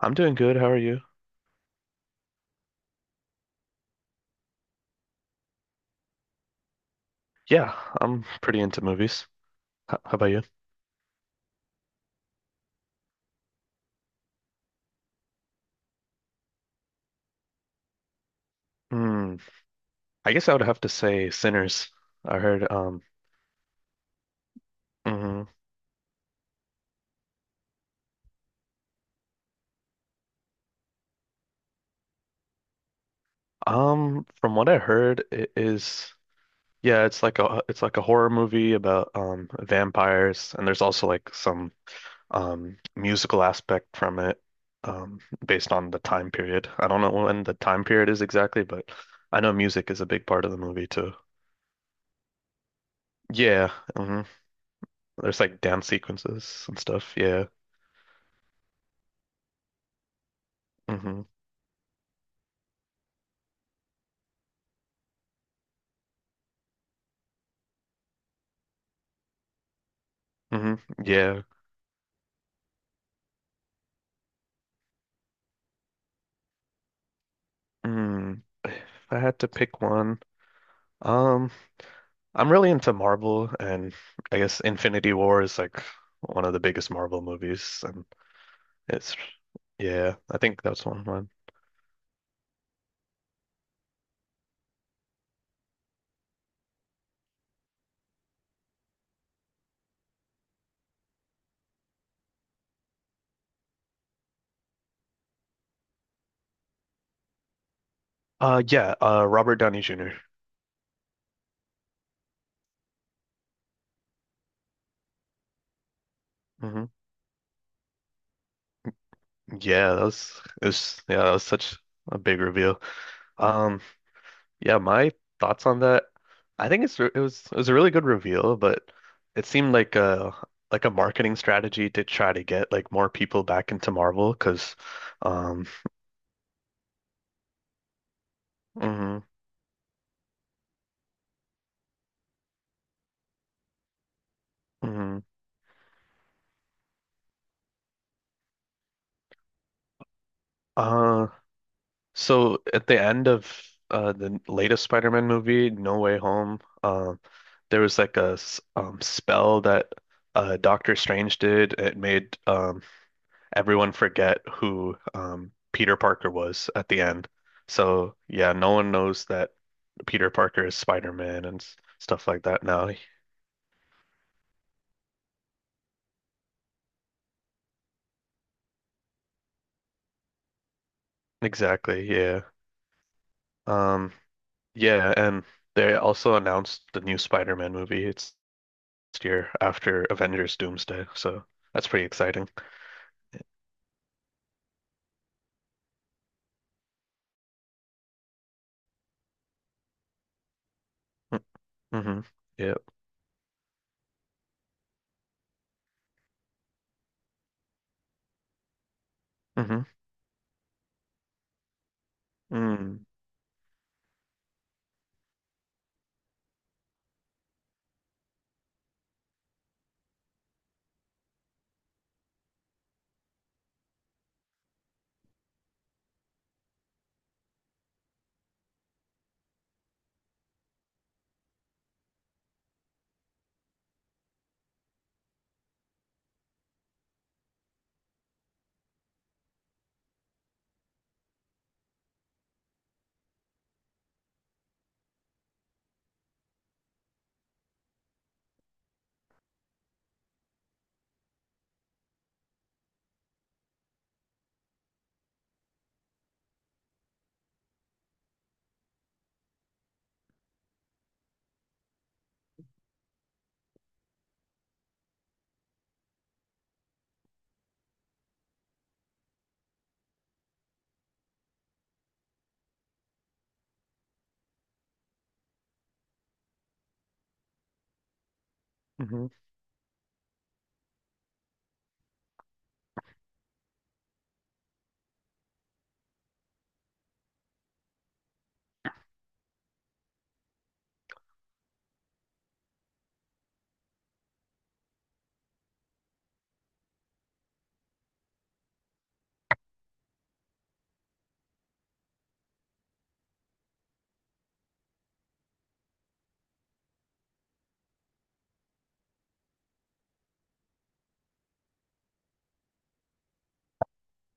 I'm doing good. How are you? Yeah, I'm pretty into movies. How about you? Hmm. I guess I would have to say Sinners. I heard mhm. From what I heard it is yeah, it's like a horror movie about vampires, and there's also like some musical aspect from it um based on the time period. I don't know when the time period is exactly, but I know music is a big part of the movie too. Yeah. Hmm. There's like dance sequences and stuff. Yeah. Hmm. Hmm. Yeah. Mm. If I had to pick one, um, I'm really into Marvel, and I guess Infinity War is like one of the biggest Marvel movies, and it's yeah, I think that's one. Yeah, Robert Downey junior. Mm-hmm. Yeah, that was yeah, that was such a big reveal. Um, Yeah, my thoughts on that. I think it was a really good reveal, but it seemed like a marketing strategy to try to get like more people back into Marvel because um mhm, mhm. uh so at the end of the latest Spider-Man movie, No Way Home, there was like a spell that Doctor Strange did. It made everyone forget who, Peter Parker was at the end. So yeah, no one knows that Peter Parker is Spider-Man, and stuff like that now. Exactly, yeah. Um, yeah, and they also announced the new Spider-Man movie. It's next year after Avengers Doomsday, so that's pretty exciting. Mm. Mm-hmm. Yeah. Mm-hmm. Mm. Hmm.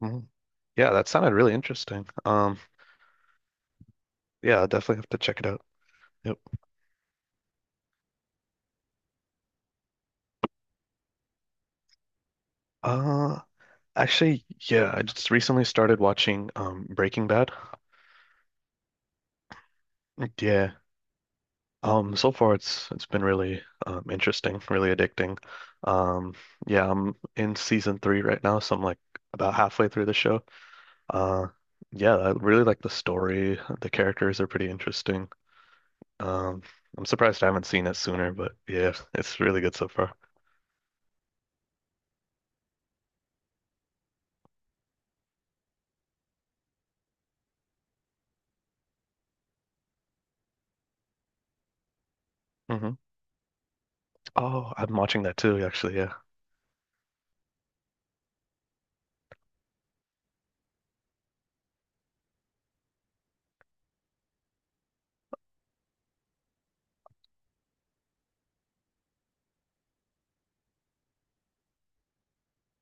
Hmm. Yeah, that sounded really interesting. Yeah, I'll definitely have to check it out. Yep. Um Actually, yeah, I just recently started watching Breaking Bad. Yeah. So far it's been really interesting, really addicting. Um yeah, I'm in season three right now, so I'm like about halfway through the show. Uh yeah, I really like the story. The characters are pretty interesting. Um I'm surprised I haven't seen it sooner, but yeah, it's really good so far. Hmm. Oh, I'm watching that too, actually, yeah.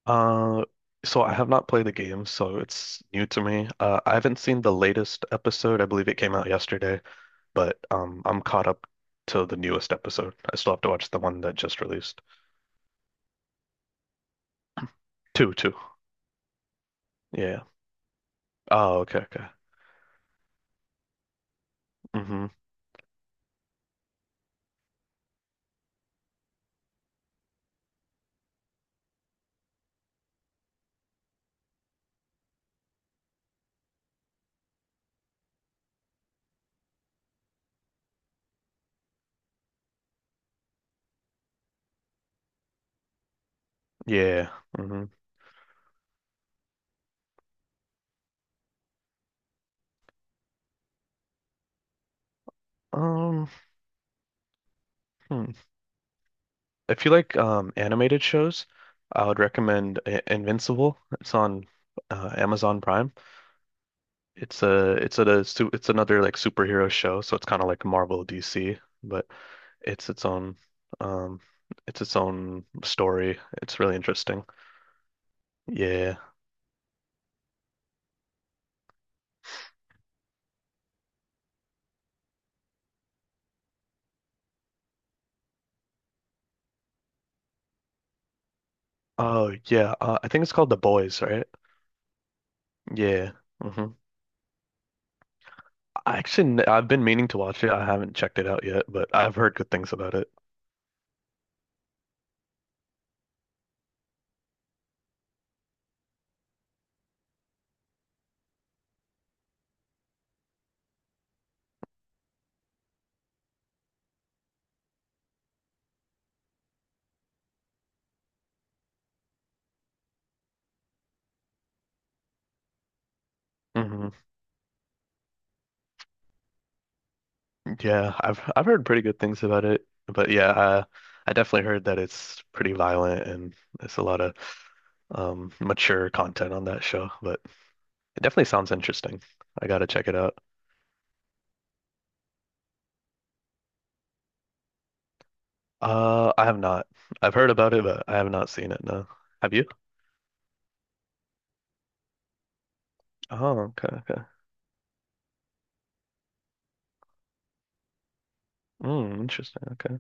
Uh, so I have not played the game, so it's new to me. I haven't seen the latest episode. I believe it came out yesterday, but I'm caught up to the newest episode. I still have to watch the one that just released. Two, two. Yeah. Oh, okay, okay. Mm-hmm. Yeah. Mm-hmm. Um, hmm. If you like animated shows, I would recommend I Invincible. It's on Amazon Prime. It's a, su It's another like superhero show, so it's kind of like Marvel DC, but it's its own um it's its own story. It's really interesting. Yeah. Oh yeah. I think it's called The Boys, right? Yeah. Hmm. I've been meaning to watch it. I haven't checked it out yet, but I've heard good things about it. Hmm. Yeah, I've heard pretty good things about it. But yeah, I definitely heard that it's pretty violent and there's a lot of mature content on that show, but it definitely sounds interesting. I gotta check it out. I have not. I've heard about it, but I have not seen it, no. Have you? Oh, okay, okay. Mm, interesting. Okay.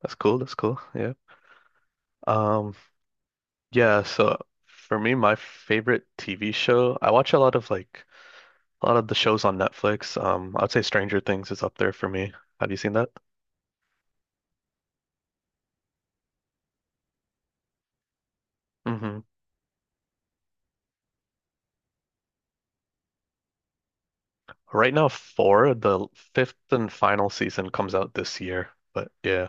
That's cool. That's cool. Yeah. Um, yeah, so for me, my favorite TV show, I watch a lot of like a lot of the shows on Netflix. I'd say Stranger Things is up there for me. Have you seen that? Mm-hmm. Right now, four, the fifth and final season comes out this year. But yeah,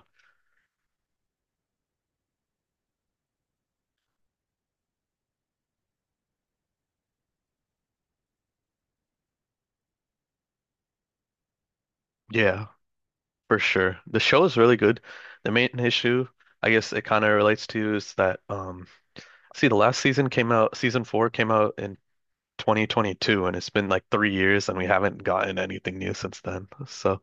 yeah, for sure. The show is really good. The main issue, I guess it kind of relates to is that see, the last season came out, season four came out in 2022, and it's been like 3 years, and we haven't gotten anything new since then. So,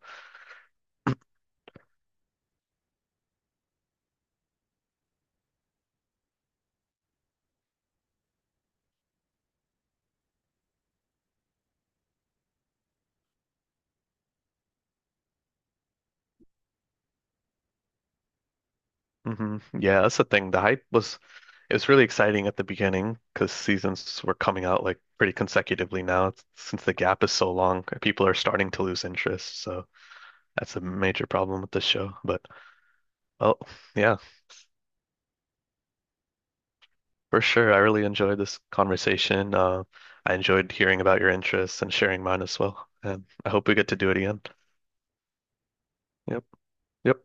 hmm, yeah, that's the thing. The hype was, it was really exciting at the beginning because seasons were coming out like pretty consecutively. Now, since the gap is so long, people are starting to lose interest. So that's a major problem with the show. But oh, yeah, for sure. I really enjoyed this conversation. I enjoyed hearing about your interests and sharing mine as well. And I hope we get to do it again. Yep. Yep.